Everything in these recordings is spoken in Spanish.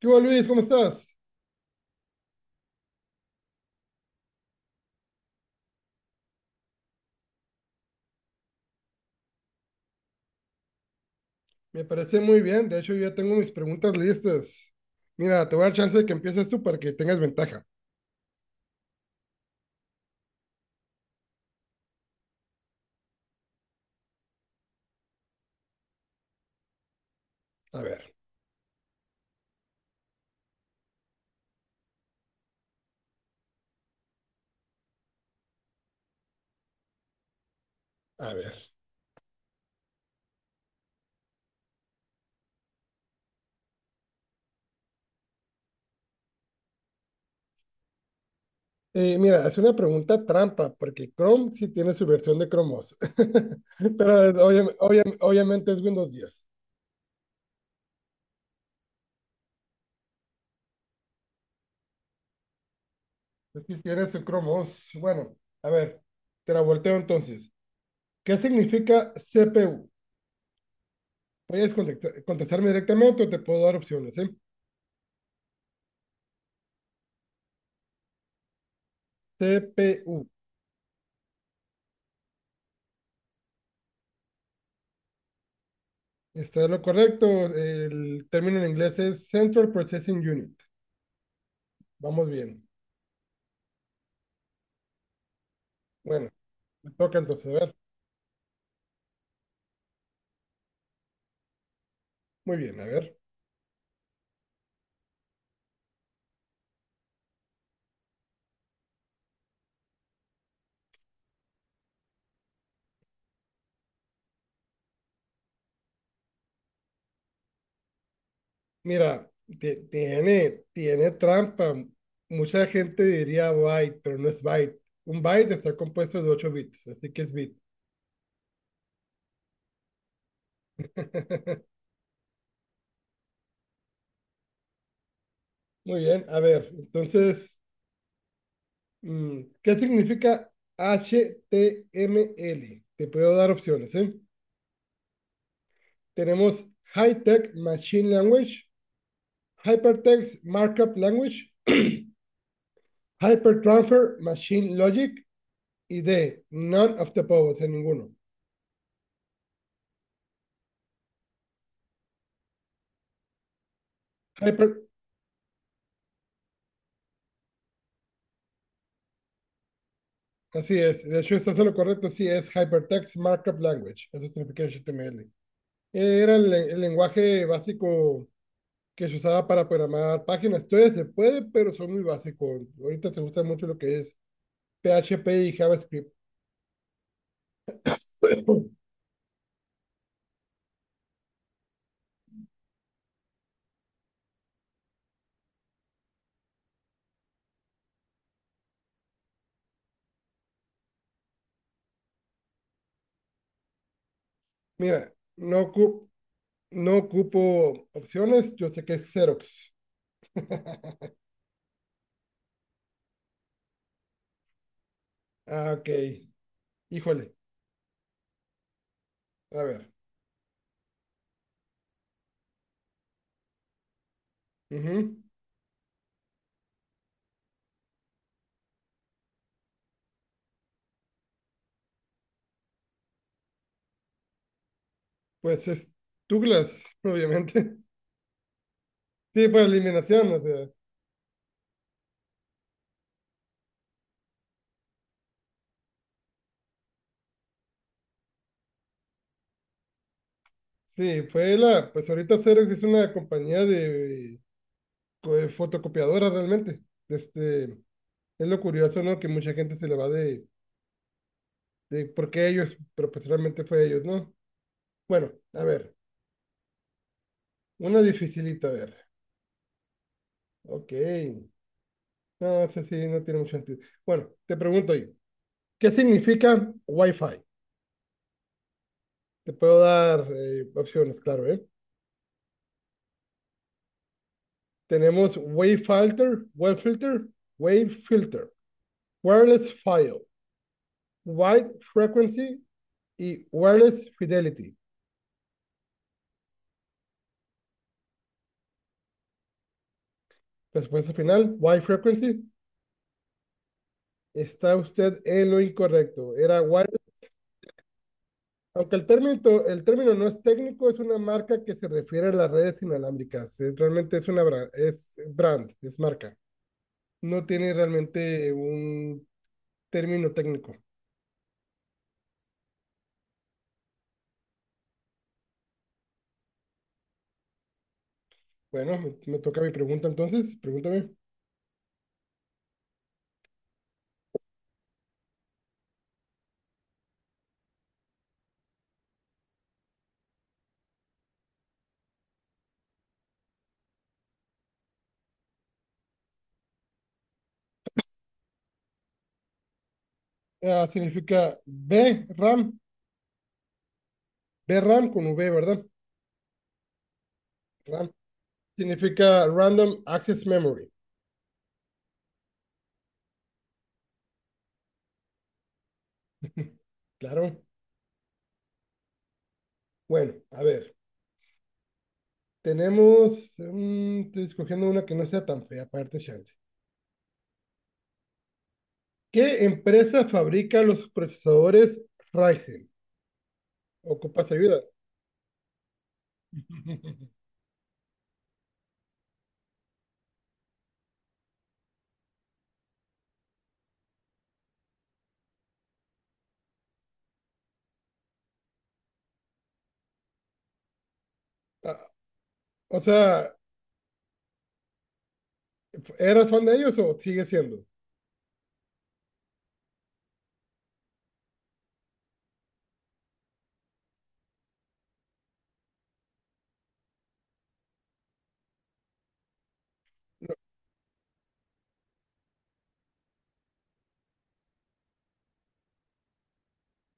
¿Qué hubo, Luis? ¿Cómo estás? Me parece muy bien. De hecho, yo ya tengo mis preguntas listas. Mira, te voy a dar chance de que empieces tú para que tengas ventaja. A ver, a ver. Mira, es una pregunta trampa, porque Chrome sí tiene su versión de Chrome OS. Pero es obviamente es Windows 10. Es decir, tiene su Chrome OS. Bueno, a ver, te la volteo entonces. ¿Qué significa CPU? Puedes contestarme directamente o te puedo dar opciones, ¿eh? CPU. Está lo correcto. El término en inglés es Central Processing Unit. Vamos bien. Bueno, me toca entonces. A ver. Muy bien, a ver. Mira, tiene trampa. Mucha gente diría byte, pero no es byte. Un byte está compuesto de ocho bits, así que es bit. Muy bien, a ver. Entonces, ¿qué significa HTML? Te puedo dar opciones, ¿eh? Tenemos High Tech Machine Language, Hypertext Markup Language, Hypertransfer Machine Logic y D, None of the above, o sea, ninguno. Hyper, así es, de hecho, estás es lo correcto, sí es Hypertext Markup Language, eso significa HTML. Era el lenguaje básico que se usaba para programar páginas. Todavía se puede, pero son muy básicos. Ahorita se gusta mucho lo que es PHP y JavaScript. Mira, no ocupo, no ocupo opciones, yo sé que es Xerox. Ah, ok. Híjole. A ver. Ujú. Pues es Douglas, obviamente. Sí, por eliminación, o sea. Sí, fue la. Pues ahorita Xerox es una compañía de fotocopiadoras realmente. Este, es lo curioso, ¿no? Que mucha gente se le va de por qué ellos, pero pues realmente fue ellos, ¿no? Bueno, a ver. Una dificilita, a ver. Ok. No, eso sí, no tiene mucho sentido. Bueno, te pregunto yo. ¿Qué significa Wi-Fi? Te puedo dar opciones, claro, ¿eh? Tenemos WaveFilter, Wireless File, Wide Frequency y Wireless Fidelity. Respuesta final, Wide Frequency. Está usted en lo incorrecto. Era wireless. Aunque el término no es técnico, es una marca que se refiere a las redes inalámbricas. Realmente es una es brand, es marca. No tiene realmente un término técnico. Bueno, me toca mi pregunta entonces. Pregúntame. Ah, significa B, RAM, Ve RAM con V, ¿verdad? RAM significa Random Access Memory. Claro. Bueno, a ver. Tenemos. Estoy escogiendo una que no sea tan fea, aparte, chance. ¿Qué empresa fabrica los procesadores Ryzen? ¿Ocupas ayuda? Ah, o sea, ¿eras fan de ellos o sigue siendo?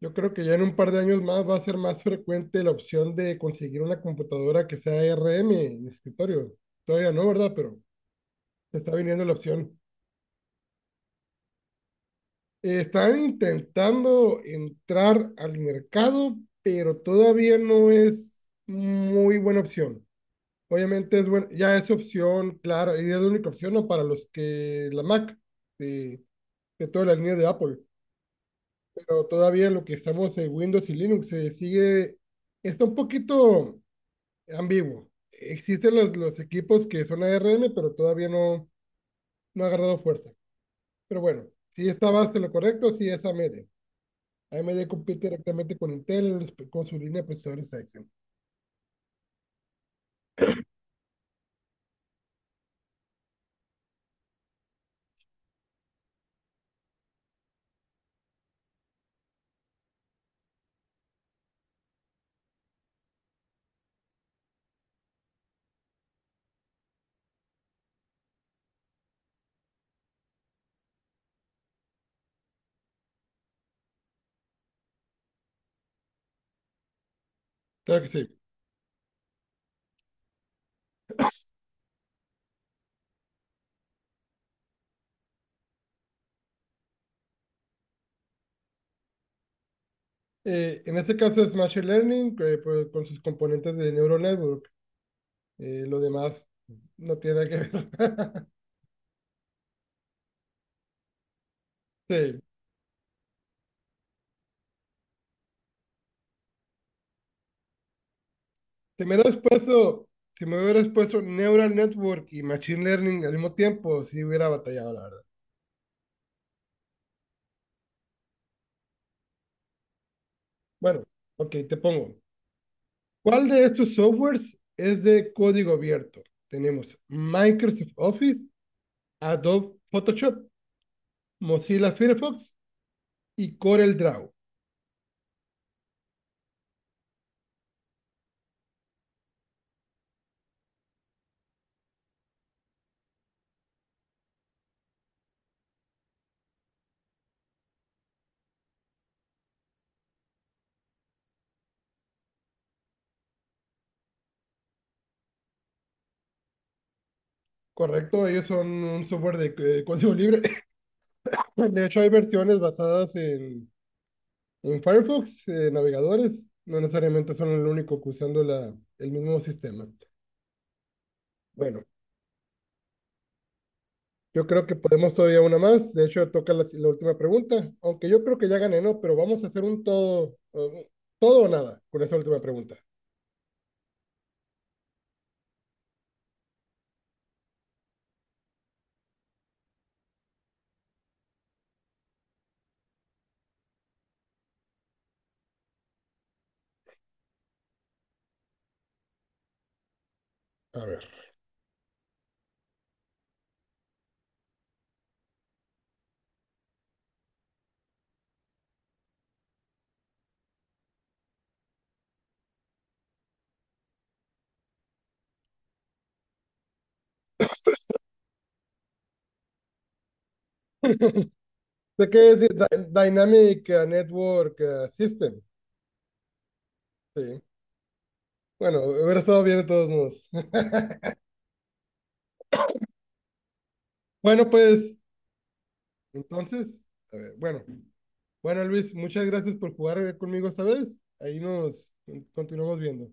Yo creo que ya en un par de años más va a ser más frecuente la opción de conseguir una computadora que sea ARM en el escritorio. Todavía no, ¿verdad? Pero se está viniendo la opción. Están intentando entrar al mercado, pero todavía no es muy buena opción. Obviamente es ya es opción, claro, y es la única opción, ¿no?, para los que la Mac de, de toda la línea de Apple. Pero todavía lo que estamos en Windows y Linux se sigue, está un poquito ambiguo. Existen los equipos que son ARM, pero todavía no, no ha agarrado fuerza. Pero bueno, si estabas en lo correcto, si es AMD. AMD compite directamente con Intel en con su línea de procesadores Ryzen. Claro que sí. En este caso es Machine Learning pues, con sus componentes de Neural Network. Lo demás no tiene nada que ver. Sí. Si me hubieras puesto, si me hubieras puesto Neural Network y Machine Learning al mismo tiempo, sí hubiera batallado, la verdad. Bueno, ok, te pongo. ¿Cuál de estos softwares es de código abierto? Tenemos Microsoft Office, Adobe Photoshop, Mozilla Firefox y CorelDRAW, ¿correcto? Ellos son un software de, código libre. De hecho, hay versiones basadas en Firefox, navegadores. No necesariamente son el único que usando la, el mismo sistema. Bueno, yo creo que podemos todavía una más. De hecho, toca la última pregunta, aunque yo creo que ya gané, ¿no? Pero vamos a hacer un todo, todo o nada con esa última pregunta. A ver. ¿De qué es Dynamic Network System? Sí. Bueno, hubiera estado bien de todos modos. Bueno, pues entonces, a ver, bueno, bueno, Luis, muchas gracias por jugar conmigo esta vez. Ahí nos continuamos viendo.